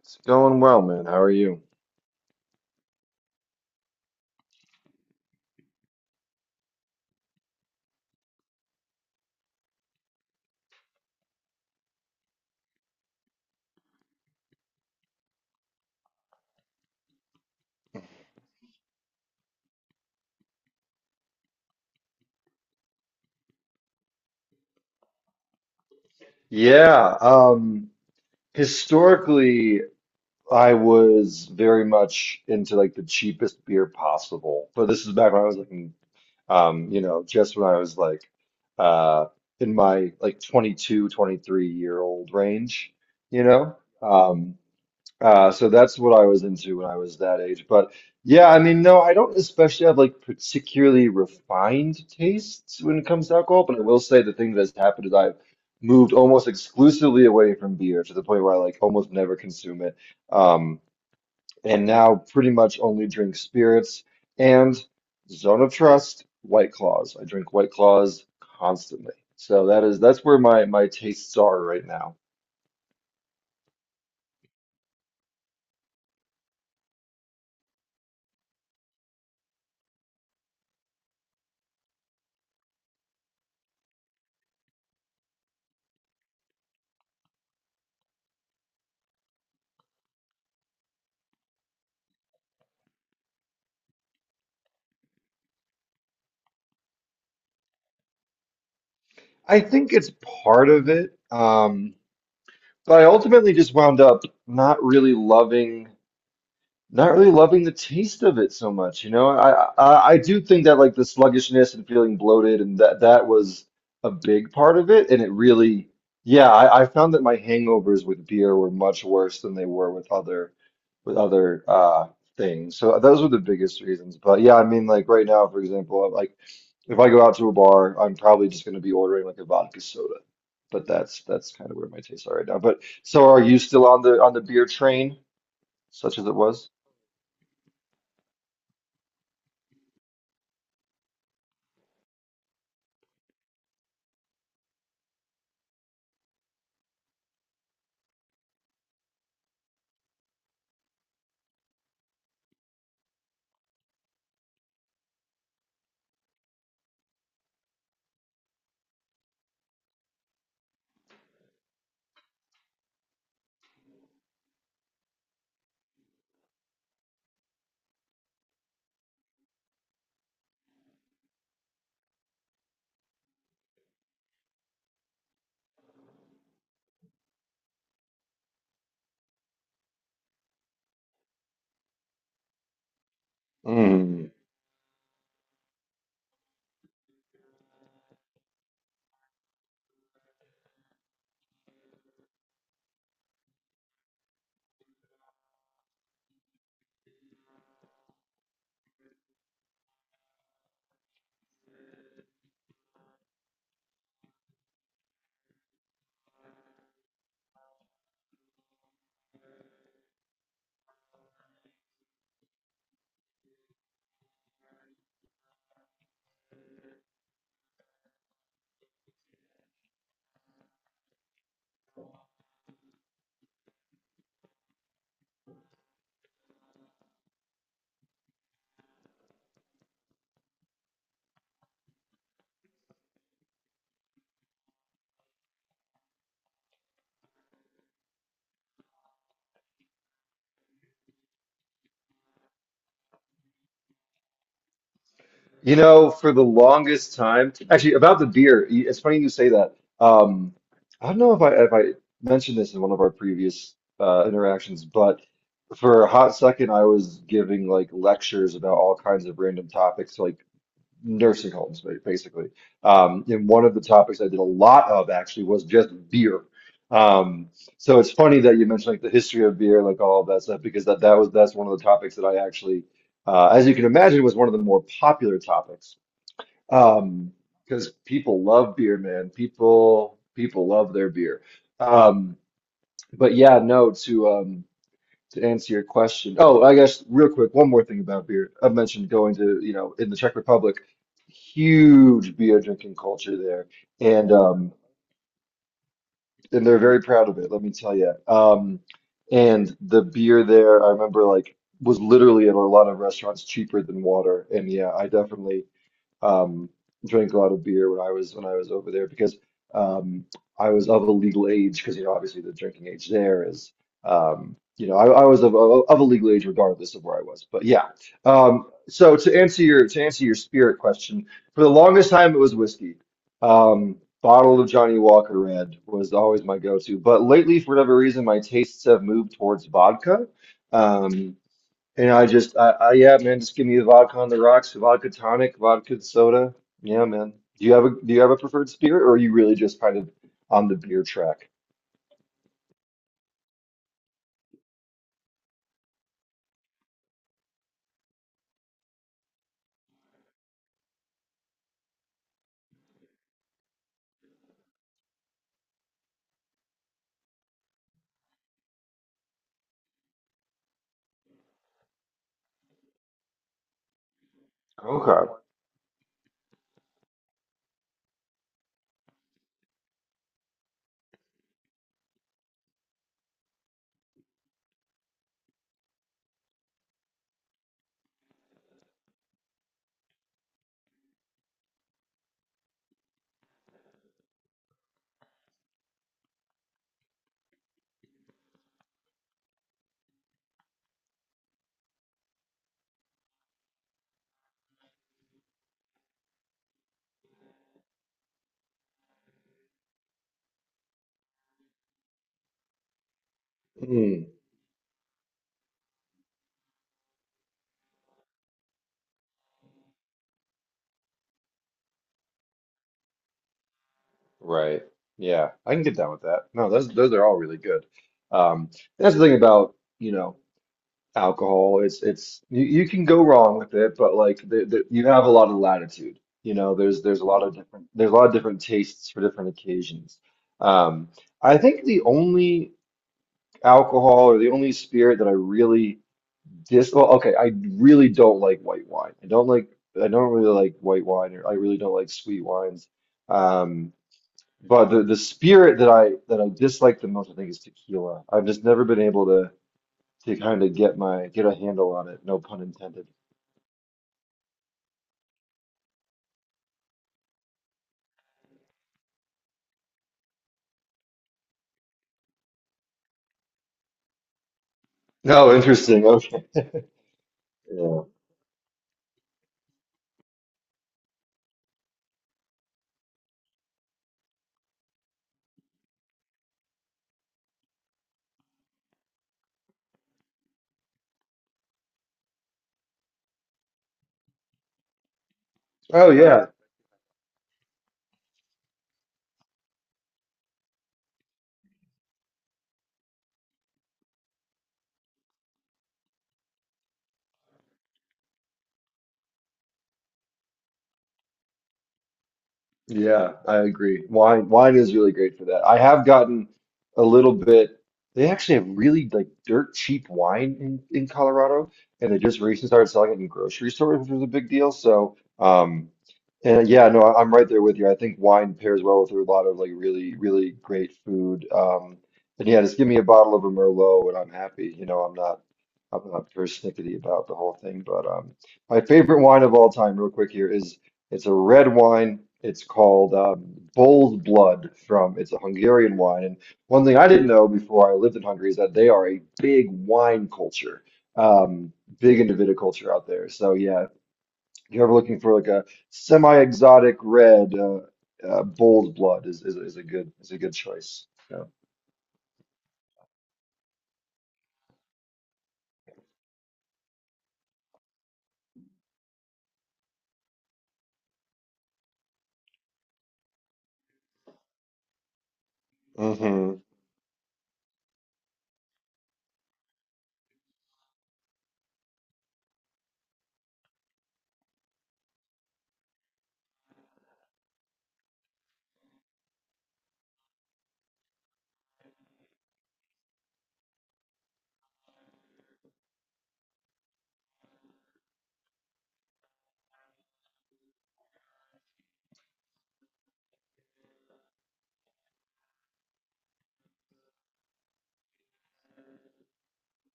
It's going well, man. How are you? Yeah, historically, I was very much into like the cheapest beer possible. But this is back when I was like, in, you know, just when I was like, uh, in my like 22, 23 old range, you know? Um, so that's what I was into when I was that age. But yeah, I mean, no, I don't especially have like particularly refined tastes when it comes to alcohol, but I will say the thing that's happened is I've moved almost exclusively away from beer to the point where I like almost never consume it. Um, and now pretty much only drink spirits and Zone of Trust, White Claws. I drink White Claws constantly. So that is that's where my tastes are right now. I think it's part of it. So I ultimately just wound up not really loving, not really loving the taste of it so much. You know, I do think that like the sluggishness and feeling bloated and that was a big part of it. And it really, yeah, I found that my hangovers with beer were much worse than they were with other things. So those were the biggest reasons. But yeah, I mean, like right now, for example, I'm like. If I go out to a bar, I'm probably just going to be ordering like a vodka soda. But that's kind of where my tastes are right now. But so are you still on the beer train, such as it was? Mm. You know, for the longest time, actually about the beer, it's funny you say that. Um, I don't know if I mentioned this in one of our previous interactions, but for a hot second, I was giving like lectures about all kinds of random topics, like nursing homes, basically. And one of the topics I did a lot of actually was just beer. Um, so it's funny that you mentioned like the history of beer, like all of that stuff, because that that was that's one of the topics that I actually, as you can imagine, was one of the more popular topics. Um, because people love beer, man. People love their beer. Um, but yeah, no, to answer your question. Oh, I guess real quick, one more thing about beer. I mentioned going to, you know, in the Czech Republic, huge beer drinking culture there, and um, and they're very proud of it. Let me tell you. And the beer there, I remember like was literally at a lot of restaurants cheaper than water. And yeah, I definitely um, drank a lot of beer when I was over there because um, I was of a legal age because you know obviously the drinking age there is you know I was of a legal age regardless of where I was but yeah so to answer your spirit question for the longest time it was whiskey, um, bottle of Johnny Walker Red was always my go-to but lately for whatever reason my tastes have moved towards vodka. Um, and I just, yeah, man, just give me the vodka on the rocks, vodka tonic, vodka soda. Yeah, man. Do you have a, do you have a preferred spirit, or are you really just kind of on the beer track? Okay. Mm, right. Yeah, I can get down with that. No, those are all really good. Um, that's the thing about, you know, alcohol. It's you, you can go wrong with it, but like you have a lot of latitude. You know, there's a lot of different there's a lot of different tastes for different occasions. Um, I think the only alcohol or the only spirit that I really dis. Well, okay, I really don't like white wine. I don't like. I don't really like white wine, or I really don't like sweet wines. Um, but the spirit that I dislike the most, I think, is tequila. I've just never been able to kind of get my get a handle on it. No pun intended. No, interesting. Okay. Yeah. Oh yeah. Yeah, I agree. Wine is really great for that. I have gotten a little bit they actually have really like dirt cheap wine in Colorado and they just recently started selling it in grocery stores, which was a big deal. And yeah, no, I- I'm right there with you. I think wine pairs well with a lot of like really, really great food. And yeah, just give me a bottle of a Merlot and I'm happy. You know, I'm not persnickety about the whole thing, but my favorite wine of all time, real quick here, is it's a red wine. It's called Bold Blood from, it's a Hungarian wine. And one thing I didn't know before I lived in Hungary is that they are a big wine culture, um, big into viticulture out there. So yeah, if you're ever looking for like a semi-exotic red, Bold Blood is, is a good is a good choice. Yeah. hmm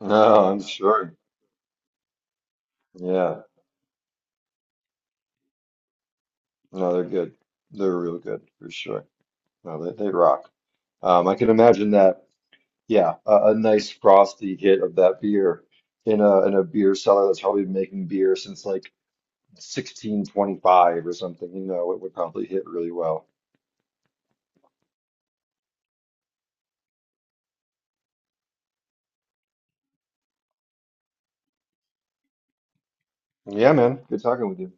No, I'm sure. Yeah. No, they're good. They're real good for sure. No, they rock. I can imagine that. Yeah, a nice frosty hit of that beer in a beer cellar that's probably been making beer since like 1625 or something. You know, it would probably hit really well. Yeah, man. Good talking with you.